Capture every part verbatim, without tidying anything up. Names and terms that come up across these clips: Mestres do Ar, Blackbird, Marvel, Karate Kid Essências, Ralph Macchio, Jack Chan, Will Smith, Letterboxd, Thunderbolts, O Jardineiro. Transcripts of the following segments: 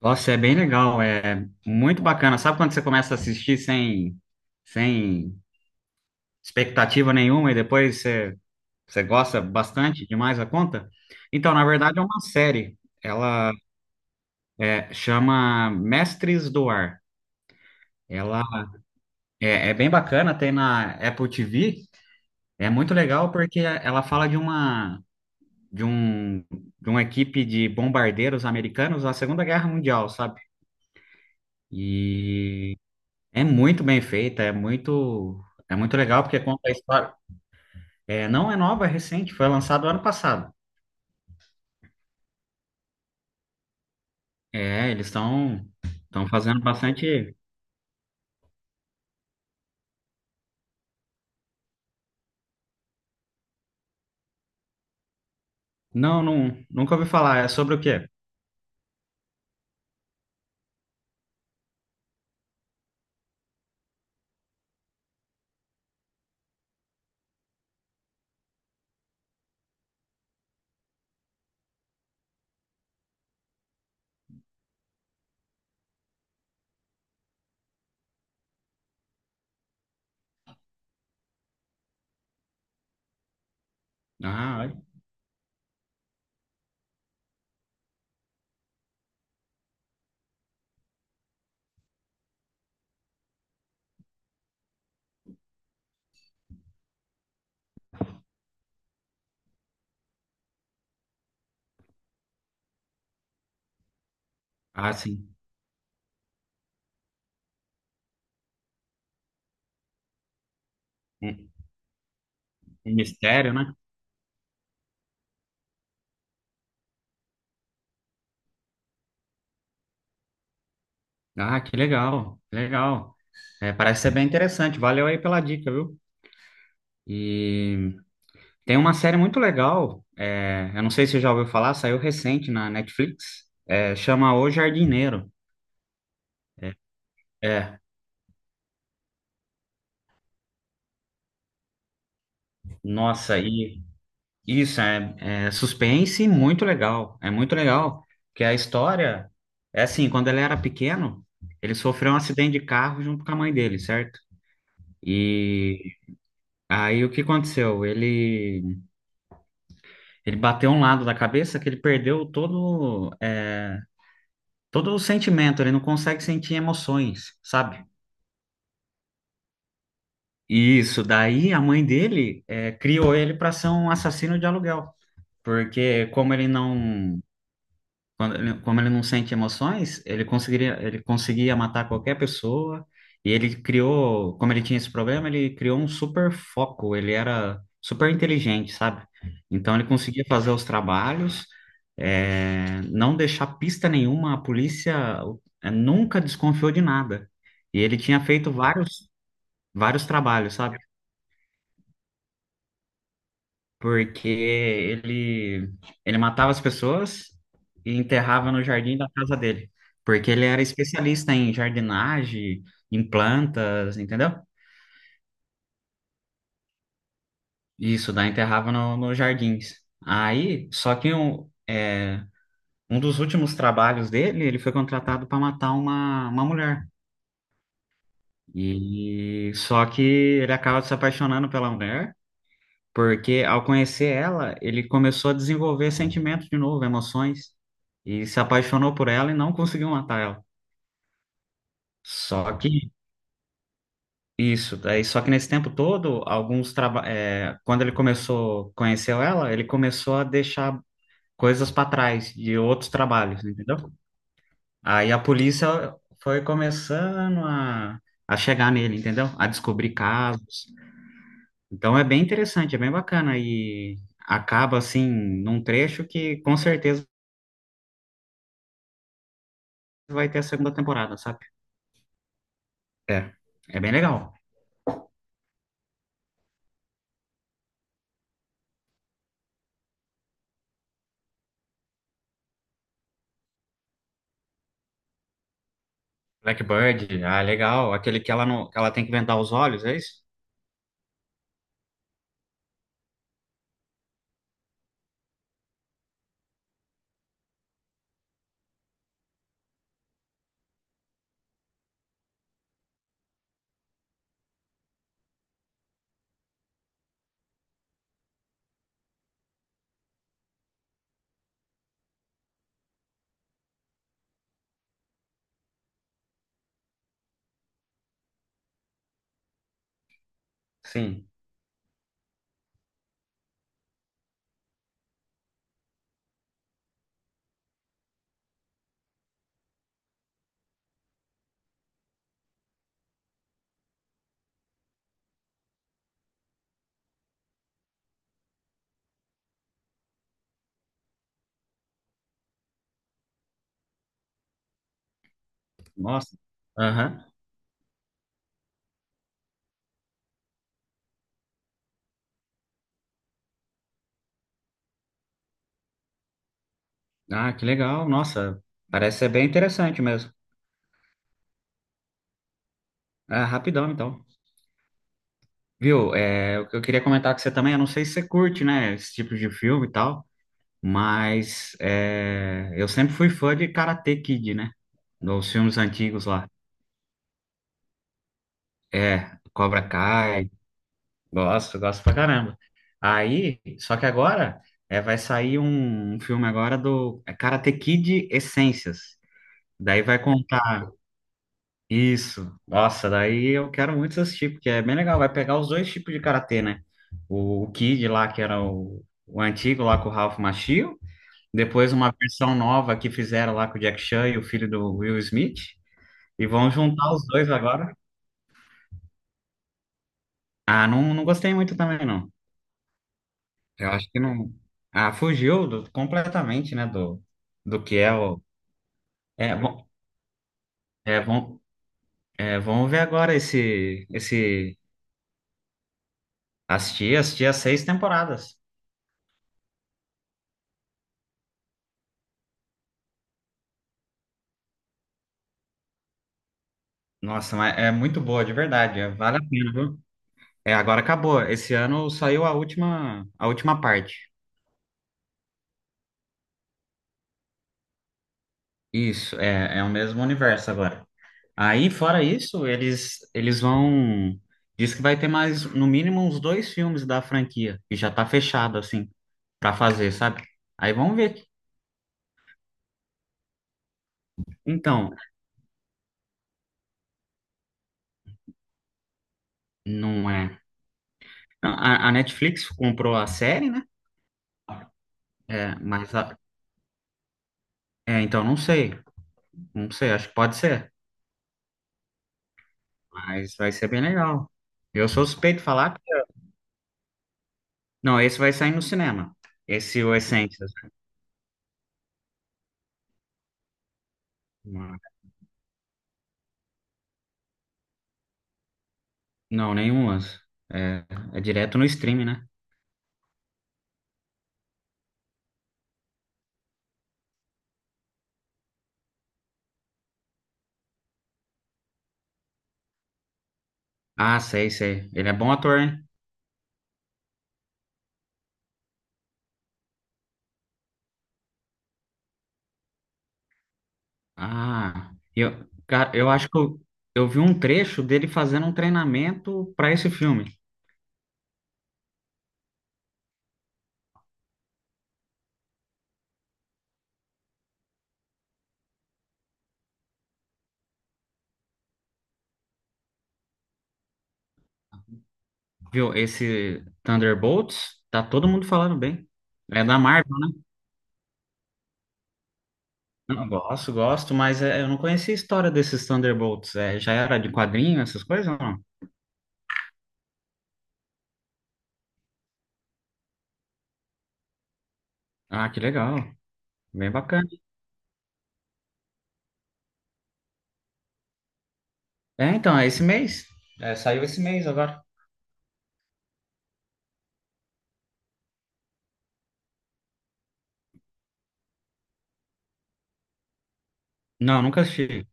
Nossa, é bem legal, é muito bacana. Sabe quando você começa a assistir sem, sem expectativa nenhuma e depois você, você gosta bastante demais da conta? Então, na verdade, é uma série. Ela é, chama Mestres do Ar. Ela é, é bem bacana, tem na Apple T V. É muito legal porque ela fala de uma, de um, de uma equipe de bombardeiros americanos na Segunda Guerra Mundial, sabe? E É muito bem feita, é muito, é muito legal porque conta a história. É, não é nova, é recente, foi lançado ano passado. É, eles estão estão fazendo bastante. Não, não, nunca ouvi falar. É sobre o quê? Ah, olha. Ah, sim. Um, um mistério, né? Ah, que legal, que legal. É, parece ser bem interessante. Valeu aí pela dica, viu? E tem uma série muito legal. É, eu não sei se você já ouviu falar, saiu recente na Netflix. É, chama O Jardineiro. É, nossa, e isso, é, é suspense muito legal. É muito legal. Porque a história é assim, quando ele era pequeno, ele sofreu um acidente de carro junto com a mãe dele, certo? E aí o que aconteceu? Ele, ele bateu um lado da cabeça que ele perdeu todo, é, todo o sentimento, ele não consegue sentir emoções, sabe? E Isso, daí a mãe dele é, criou ele para ser um assassino de aluguel. Porque como ele não Quando ele- Como ele não sente emoções, ele conseguiria, ele conseguia matar qualquer pessoa. E ele criou, como ele tinha esse problema, ele criou um super foco. Ele era super inteligente, sabe? Então ele conseguia fazer os trabalhos, é, não deixar pista nenhuma. A polícia é, nunca desconfiou de nada. E ele tinha feito vários, vários trabalhos, sabe? Porque ele ele matava as pessoas e enterrava no jardim da casa dele, porque ele era especialista em jardinagem, em plantas, entendeu? Isso, daí enterrava no, nos jardins. Aí, só que um, é, um dos últimos trabalhos dele, ele foi contratado para matar uma, uma mulher. E só que ele acaba se apaixonando pela mulher. Porque ao conhecer ela, ele começou a desenvolver sentimentos de novo, emoções, e se apaixonou por ela e não conseguiu matar ela. Só que isso, daí, Só que nesse tempo todo, alguns traba- é, quando ele começou, conheceu ela, ele começou a deixar coisas para trás de outros trabalhos, entendeu? Aí a polícia foi começando a, a chegar nele, entendeu? A descobrir casos. Então é bem interessante, é bem bacana e acaba assim num trecho que com certeza vai ter a segunda temporada, sabe? É. É bem legal. Blackbird, ah, legal. Aquele que ela não, que ela tem que vendar os olhos, é isso? Sim. Nossa. Aham. Ah, que legal. Nossa, parece ser bem interessante mesmo. Ah, rapidão, então. Viu? É, o que eu queria comentar com você também, eu não sei se você curte, né, esse tipo de filme e tal, mas é, eu sempre fui fã de Karate Kid, né? Dos filmes antigos lá. É, Cobra Kai. Gosto, gosto pra caramba. Aí, só que agora é, vai sair um, um filme agora do é Karate Kid Essências. Daí vai contar isso. Nossa, daí eu quero muito assistir, porque é bem legal. Vai pegar os dois tipos de karatê, né? O, o Kid lá, que era o, o antigo lá com o Ralph Macchio. Depois uma versão nova que fizeram lá com o Jack Chan e o filho do Will Smith. E vão juntar os dois agora. Ah, não, não gostei muito também, não. Eu acho que não. Ah, fugiu do- completamente, né? Do, do que é o. É, bom, é, bom, é, Vamos ver agora esse, esse. assistir assistir as seis temporadas. Nossa, mas é muito boa, de verdade. é, Vale a pena, viu? É, agora acabou. Esse ano saiu a última, a última parte. Isso, é, é o mesmo universo agora. Aí, fora isso, eles eles vão. Diz que vai ter mais, no mínimo, uns dois filmes da franquia, que já tá fechado, assim, pra fazer, sabe? Aí vamos ver. Então, não é. Não, A, a Netflix comprou a série, né? É, mas. a- é, então, não sei. Não sei, acho que pode ser. Mas vai ser bem legal. Eu sou suspeito de falar. Não, esse vai sair no cinema. Esse, o Essências. Não, nenhum lance. É, é direto no stream, né? Ah, sei, sei. Ele é bom ator, hein? Ah, eu, Cara, eu acho que eu, eu vi um trecho dele fazendo um treinamento para esse filme, viu? Esse Thunderbolts, tá todo mundo falando bem. É da Marvel, né? Não, gosto, gosto, mas é, eu não conhecia a história desses Thunderbolts. É, já era de quadrinho, essas coisas, ou não? Ah, que legal, bem bacana. É, então, é esse mês? É, saiu esse mês agora. Não, nunca assisti.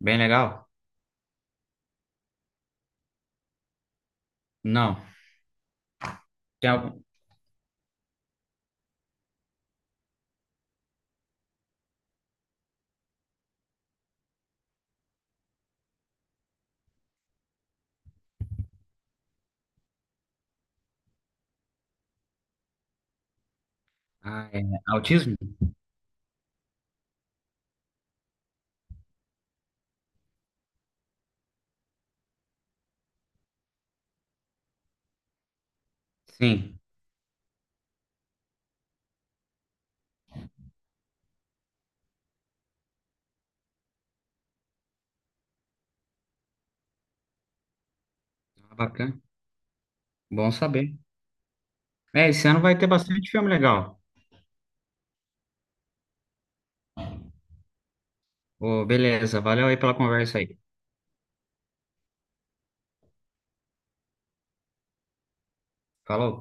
Bem legal? Não. Tem algum... Ah, é autismo? Sim. Ah, Bacana, bom saber. É, esse ano vai ter bastante filme legal. Ô, beleza, valeu aí pela conversa aí. Falou.